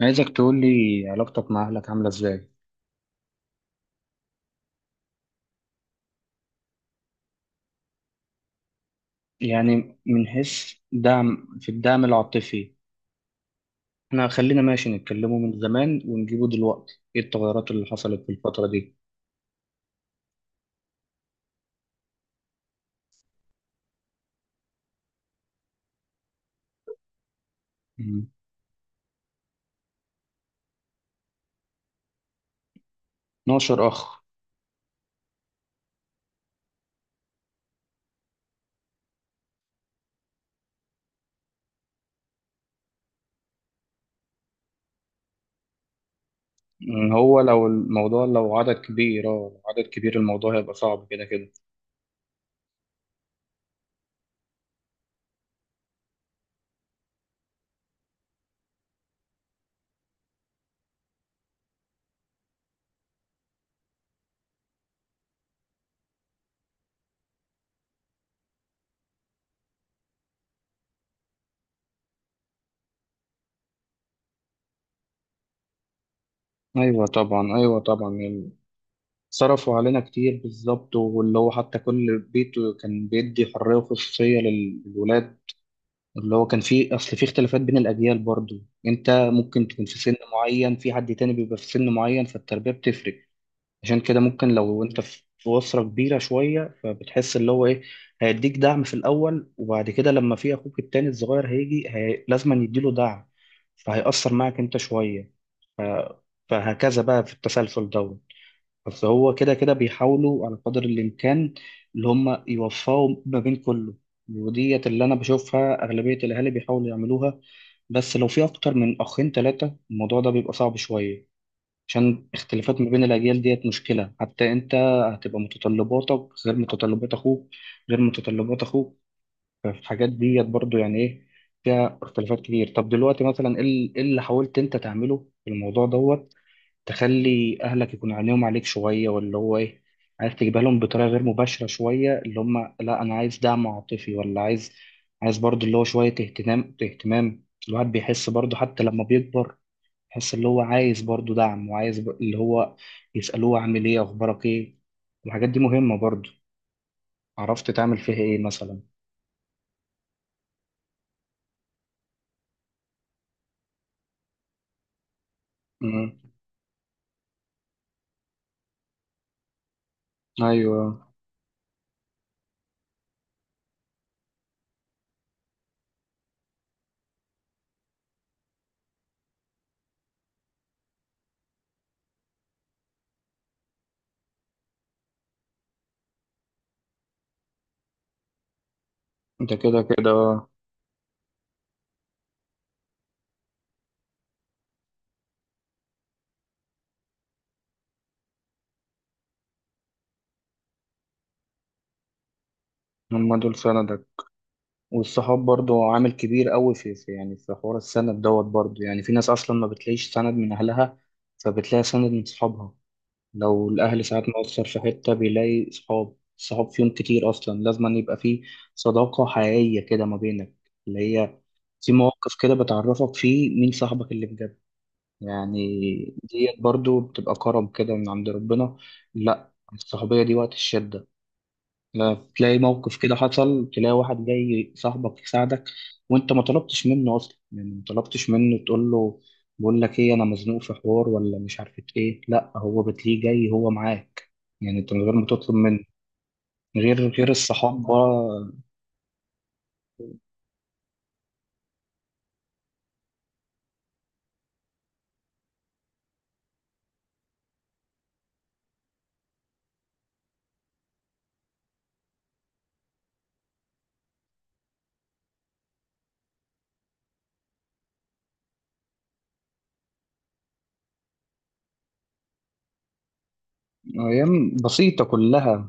عايزك تقول لي علاقتك مع أهلك عاملة إزاي؟ يعني من حيث دعم في الدعم العاطفي، إحنا خلينا ماشي نتكلموا من زمان ونجيبه دلوقتي، إيه التغيرات اللي حصلت في الفترة دي؟ مم. 12 أخ، مم، هو لو الموضوع لو عدد كبير أه لو عدد كبير الموضوع هيبقى صعب كده كده، أيوه طبعا، أيوه طبعا، يعني صرفوا علينا كتير بالظبط، واللي هو حتى كل بيت كان بيدي حرية وخصوصية للولاد. اللي هو كان في اصل في اختلافات بين الاجيال برضو. انت ممكن تكون في سن معين، في حد تاني بيبقى في سن معين، فالتربيه بتفرق. عشان كده ممكن لو انت في اسره كبيره شويه فبتحس اللي هو ايه، هيديك دعم في الاول، وبعد كده لما في اخوك التاني الصغير هيجي هي... لازم يديله دعم، فهيأثر معك انت شويه. ف... فهكذا بقى في التسلسل ده. بس هو كده كده بيحاولوا على قدر الإمكان اللي هم يوفقوا ما بين كله. وديت اللي أنا بشوفها أغلبية الأهالي بيحاولوا يعملوها. بس لو في أكتر من أخين تلاتة الموضوع ده بيبقى صعب شوية، عشان اختلافات ما بين الأجيال ديت مشكلة. حتى أنت هتبقى متطلباتك غير متطلبات أخوك، غير متطلبات أخوك. فالحاجات ديت برضو يعني إيه، فيها اختلافات كتير. طب دلوقتي مثلا إيه اللي حاولت أنت تعمله في الموضوع دوت، تخلي اهلك يكون عينيهم عليك شويه، واللي هو ايه، عايز تجيبها لهم بطريقه غير مباشره شويه، اللي هم لا انا عايز دعم عاطفي ولا عايز، عايز برضه اللي هو شويه اهتمام. اهتمام الواحد بيحس برضه حتى لما بيكبر، يحس اللي هو عايز برضه دعم، وعايز اللي هو يسالوه عامل ايه، اخبارك ايه. الحاجات دي مهمه برضه. عرفت تعمل فيها ايه مثلا؟ امم. ايوه. انت كده كده آه. هم دول سندك. والصحاب برضو عامل كبير قوي في يعني في حوار السند دوت برضو. يعني في ناس اصلا ما بتلاقيش سند من اهلها، فبتلاقي سند من صحابها. لو الاهل ساعات مقصر في حته بيلاقي صحاب، الصحاب فيهم كتير اصلا، لازم أن يبقى في صداقه حقيقيه كده ما بينك، اللي هي في مواقف كده بتعرفك فيه مين صاحبك اللي بجد يعني. ديت برضو بتبقى كرم كده من عند ربنا، لا الصحوبيه دي وقت الشده. لا، تلاقي موقف كده حصل، تلاقي واحد جاي صاحبك يساعدك، وانت ما طلبتش منه اصلا. يعني ما طلبتش منه تقول له بقول لك ايه، انا مزنوق في حوار ولا مش عارف ايه، لا هو بتلاقيه جاي هو معاك، يعني انت من غير ما تطلب منه. غير الصحاب بقى. ايام بسيطة كلها.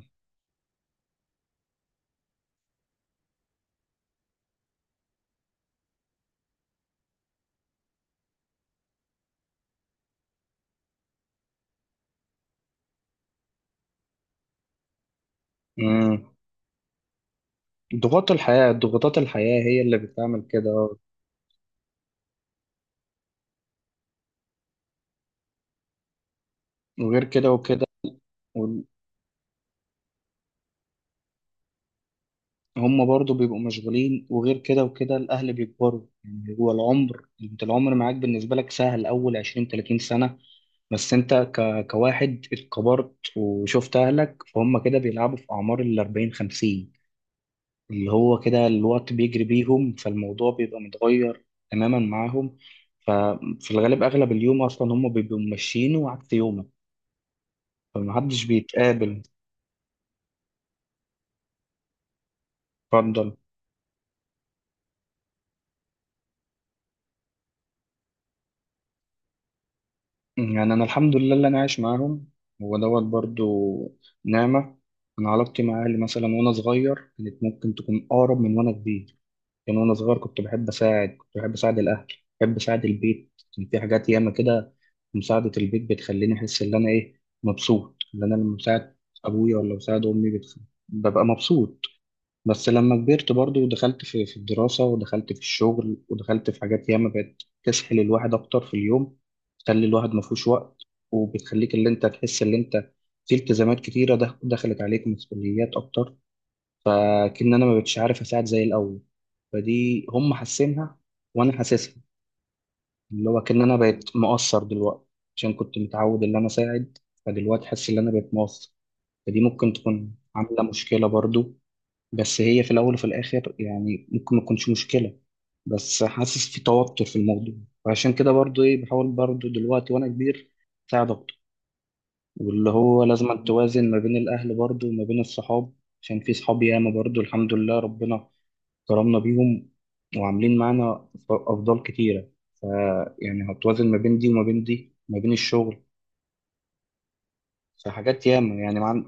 مم. ضغوط الحياة، ضغوطات الحياة هي اللي بتعمل كده. وغير كده وكده هم برضو بيبقوا مشغولين، وغير كده وكده الأهل بيكبروا. يعني هو العمر، أنت العمر معاك بالنسبة لك سهل أول 20 30 سنة، بس أنت كواحد اتكبرت وشفت أهلك فهم كده بيلعبوا في أعمار ال 40 50، اللي هو كده الوقت بيجري بيهم، فالموضوع بيبقى متغير تماما معاهم. ففي الغالب أغلب اليوم أصلا هم بيبقوا ماشيين وعكس يومك، فمحدش بيتقابل. اتفضل. يعني أنا الحمد لله اللي أنا عايش معاهم، هو دوت برضو نعمة. أنا علاقتي مع أهلي مثلا وأنا صغير كانت ممكن تكون أقرب من وأنا كبير. يعني وأنا صغير كنت بحب أساعد الأهل، بحب أساعد البيت، كان في حاجات ياما كده. مساعدة البيت بتخليني أحس إن أنا إيه مبسوط، إن أنا لما بساعد أبويا ولا بساعد أمي ببقى مبسوط. بس لما كبرت برضو ودخلت في الدراسة، ودخلت في الشغل، ودخلت في حاجات ياما بقت تسحل الواحد أكتر في اليوم، تخلي الواحد مفهوش وقت، وبتخليك اللي أنت تحس اللي أنت في التزامات كتيرة، دخلت عليك مسؤوليات أكتر، فكأن أنا ما بقتش عارف أساعد زي الأول. فدي هم حاسينها وأنا حاسسها، اللي هو كأن أنا بقيت مقصر دلوقتي، عشان كنت متعود إن أنا أساعد، فدلوقتي حاسس إن أنا بقيت مقصر. فدي ممكن تكون عاملة مشكلة برضو، بس هي في الأول وفي الآخر يعني ممكن ما تكونش مشكلة، بس حاسس في توتر في الموضوع. وعشان كده برضو إيه بحاول برضو دلوقتي وأنا كبير أساعد أكتر، واللي هو لازم أن توازن ما بين الأهل برضو وما بين الصحاب، عشان في صحاب ياما برضو الحمد لله ربنا كرمنا بيهم، وعاملين معانا أفضال كتيرة. ف يعني هتوازن ما بين دي وما بين دي، ما بين الشغل، فحاجات ياما يعني مع...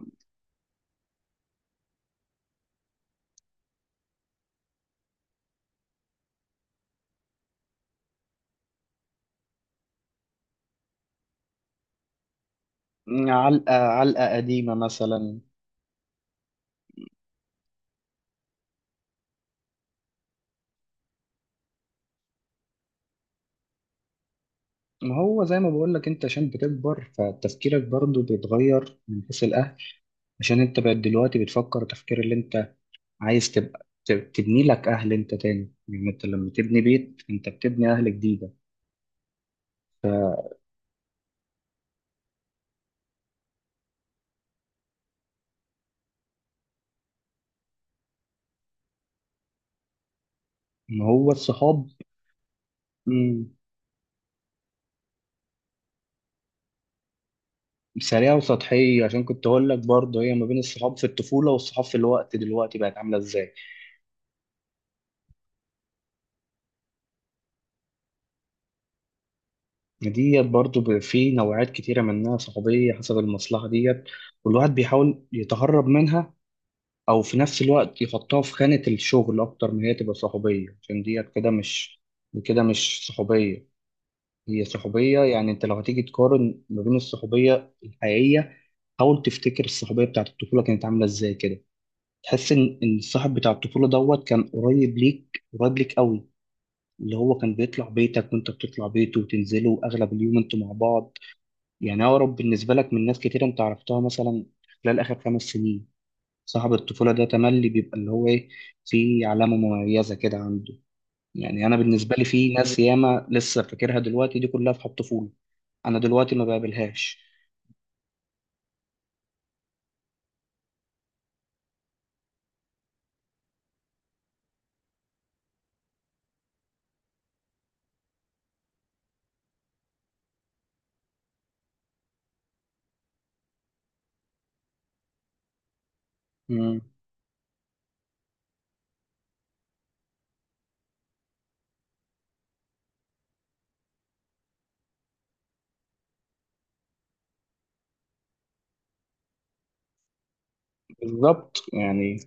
علقة قديمة مثلا. ما هو زي ما بقول لك انت، عشان بتكبر فتفكيرك برضو بيتغير من حيث الاهل. عشان انت بقى دلوقتي بتفكر تفكير اللي انت عايز تبقى تبني لك اهل انت تاني. يعني انت لما تبني بيت انت بتبني اهل جديده. ما هو الصحاب، مم، سريعه وسطحيه، عشان كنت اقول لك برضو هي ما بين الصحاب في الطفوله والصحاب في الوقت دلوقتي بقت عامله ازاي. ديت برضو بقى في نوعات كتيره منها صحوبيه حسب المصلحه ديت، والواحد بيحاول يتهرب منها، او في نفس الوقت يحطها في خانة الشغل اكتر من هي تبقى صحوبية، عشان دي كده مش كده مش صحوبية. هي صحوبية، يعني انت لو هتيجي تقارن ما بين الصحوبية الحقيقية، حاول تفتكر الصحوبية بتاعت الطفولة كانت عاملة ازاي كده. تحس ان إن الصاحب بتاع الطفولة دوت كان قريب ليك، قريب ليك قوي، اللي هو كان بيطلع بيتك وانت بتطلع بيته، وتنزلوا اغلب اليوم انتوا مع بعض، يعني اقرب بالنسبة لك من ناس كتير انت عرفتها مثلا خلال اخر 5 سنين. صاحب الطفولة ده تملي بيبقى اللي هو إيه، في علامة مميزة كده عنده. يعني أنا بالنسبة لي في ناس ياما لسه فاكرها دلوقتي، دي كلها في الطفولة، أنا دلوقتي ما بقابلهاش. مم. بالظبط يعني،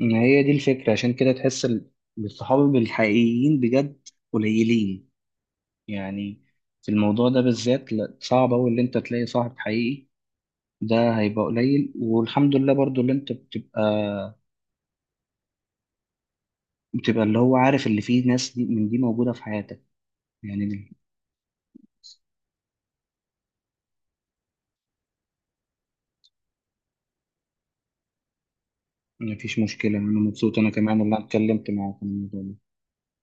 إن هي دي الفكرة. عشان كده تحس الصحاب الحقيقيين بجد قليلين يعني. في الموضوع ده بالذات لا، صعب أوي اللي أنت تلاقي صاحب حقيقي، ده هيبقى قليل. والحمد لله برضو اللي أنت بتبقى اللي هو عارف اللي فيه ناس دي من دي موجودة في حياتك يعني. مفيش مشكلة، أنا مبسوط، أنا كمان والله اتكلمت معاك عن الموضوع ده